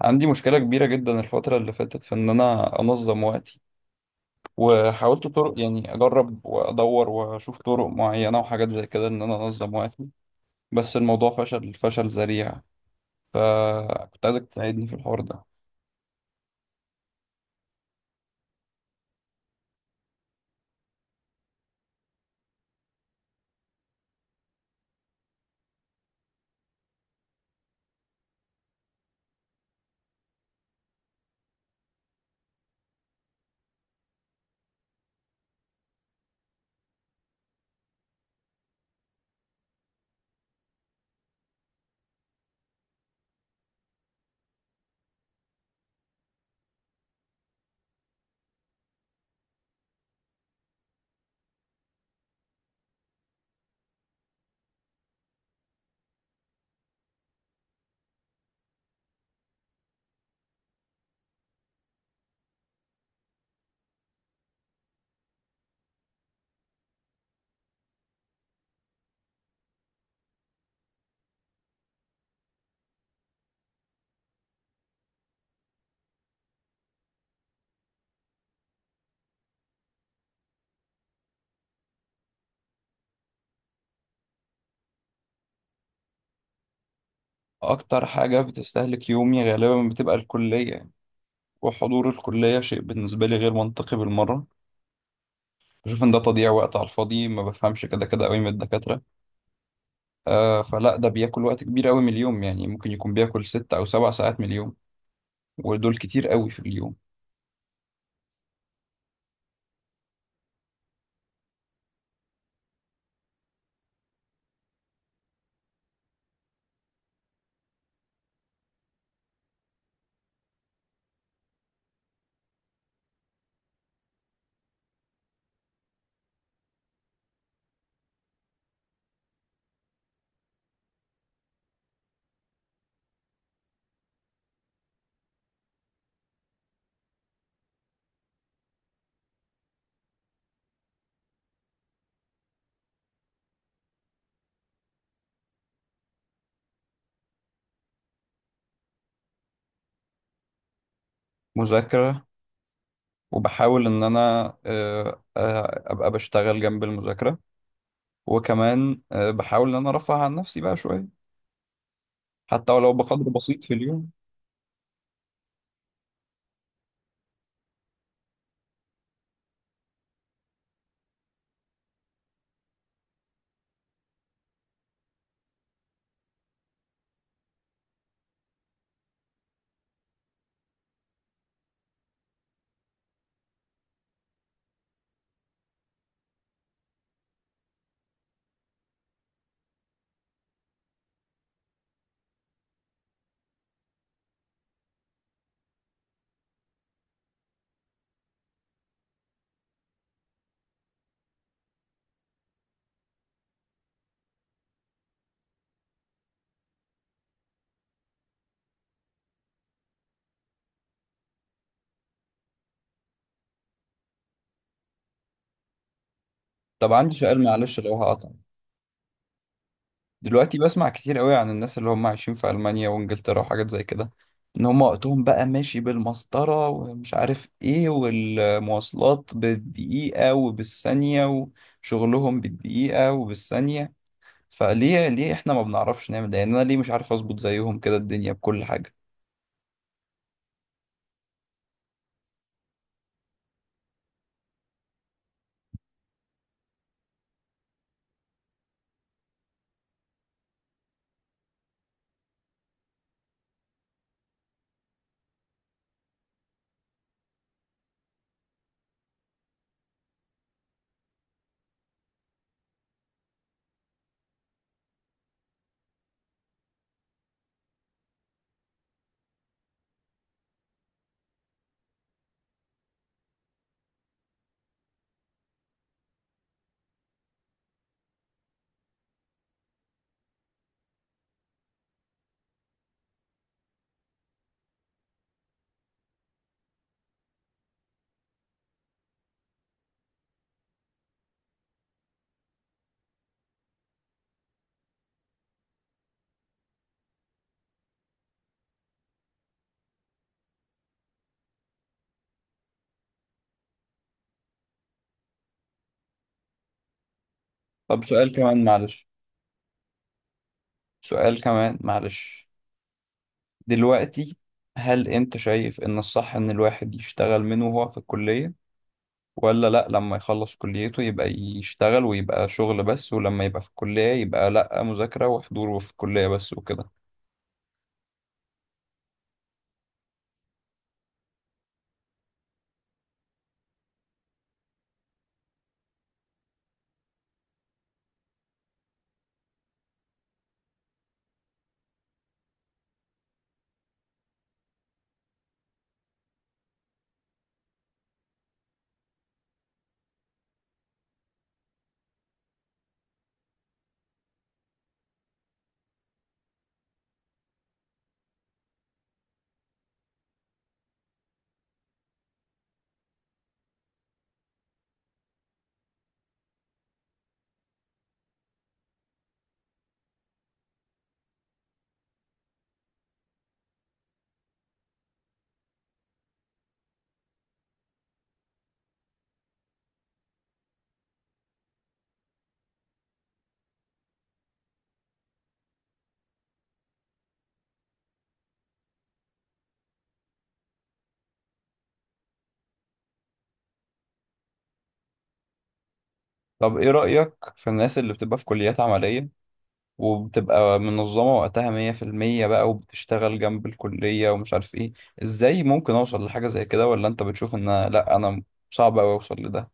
عندي مشكلة كبيرة جدا الفترة اللي فاتت في إن أنا أنظم وقتي. وحاولت طرق، أجرب وأدور وأشوف طرق معينة وحاجات زي كده إن أنا أنظم وقتي، بس الموضوع فشل ذريع. فكنت عايزك تساعدني في الحوار ده. أكتر حاجة بتستهلك يومي غالبا بتبقى الكلية، وحضور الكلية شيء بالنسبة لي غير منطقي بالمرة. بشوف إن ده تضييع وقت على الفاضي، ما بفهمش كده كده قوي من الدكاترة. فلا، ده بياكل وقت كبير قوي من اليوم، يعني ممكن يكون بياكل 6 أو 7 ساعات من اليوم، ودول كتير قوي في اليوم. مذاكرة، وبحاول إن أنا أبقى بشتغل جنب المذاكرة، وكمان بحاول إن أنا أرفه عن نفسي بقى شوية، حتى ولو بقدر بسيط في اليوم. طب عندي سؤال، معلش لو هقطع. دلوقتي بسمع كتير قوي عن الناس اللي هم عايشين في ألمانيا وإنجلترا وحاجات زي كده، إن هم وقتهم بقى ماشي بالمسطرة ومش عارف إيه، والمواصلات بالدقيقة وبالثانية، وشغلهم بالدقيقة وبالثانية. فليه احنا ما بنعرفش نعمل ده؟ يعني انا ليه مش عارف اظبط زيهم كده الدنيا بكل حاجة؟ طب سؤال كمان معلش. سؤال كمان معلش دلوقتي هل انت شايف ان الصح ان الواحد يشتغل من وهو في الكلية، ولا لا لما يخلص كليته يبقى يشتغل ويبقى شغل بس، ولما يبقى في الكلية يبقى لا، مذاكرة وحضور في الكلية بس وكده؟ طب ايه رأيك في الناس اللي بتبقى في كليات عملية وبتبقى منظمة وقتها 100% بقى، وبتشتغل جنب الكلية ومش عارف ايه؟ ازاي ممكن اوصل لحاجة زي كده؟ ولا انت بتشوف ان لا، انا صعب اوي اوصل لده؟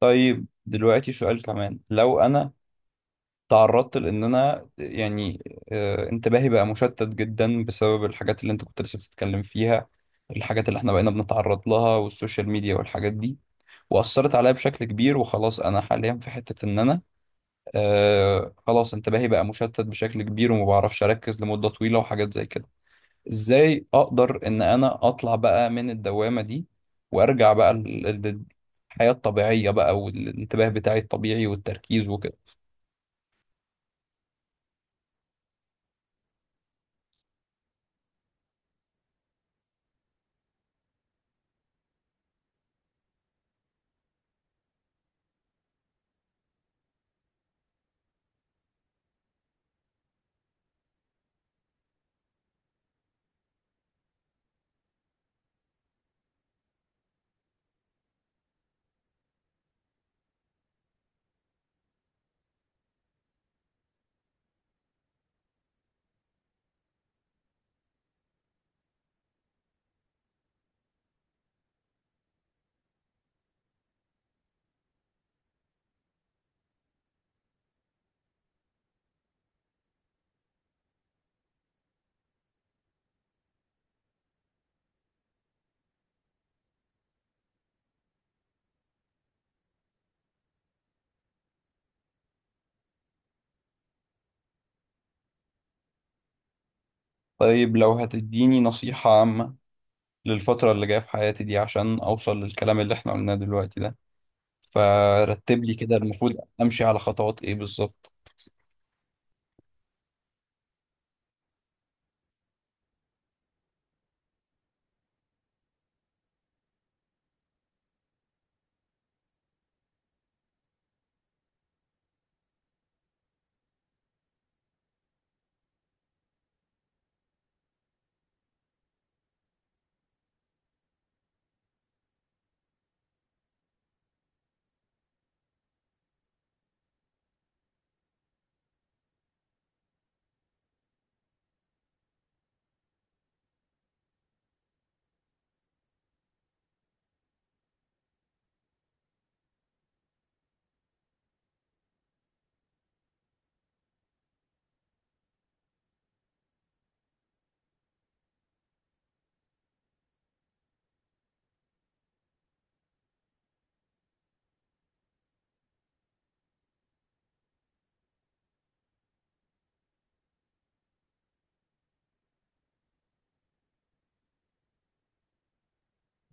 طيب دلوقتي سؤال كمان. لو انا تعرضت لان انا انتباهي بقى مشتت جدا بسبب الحاجات اللي انت كنت لسه بتتكلم فيها، الحاجات اللي احنا بقينا بنتعرض لها والسوشيال ميديا والحاجات دي، وأثرت عليا بشكل كبير، وخلاص أنا حاليا في حتة إن أنا خلاص انتباهي بقى مشتت بشكل كبير، وما بعرفش اركز لمدة طويلة وحاجات زي كده. ازاي اقدر ان انا اطلع بقى من الدوامة دي، وارجع بقى للحياة الطبيعية بقى، والانتباه بتاعي الطبيعي والتركيز وكده؟ طيب لو هتديني نصيحة عامة للفترة اللي جاية في حياتي دي عشان اوصل للكلام اللي احنا قلناه دلوقتي ده، فرتب لي كده المفروض امشي على خطوات ايه بالظبط.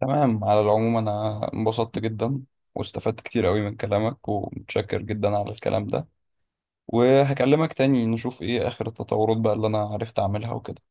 تمام، على العموم أنا انبسطت جدا واستفدت كتير قوي من كلامك، ومتشكر جدا على الكلام ده، وهكلمك تاني نشوف إيه آخر التطورات بقى اللي أنا عرفت أعملها وكده.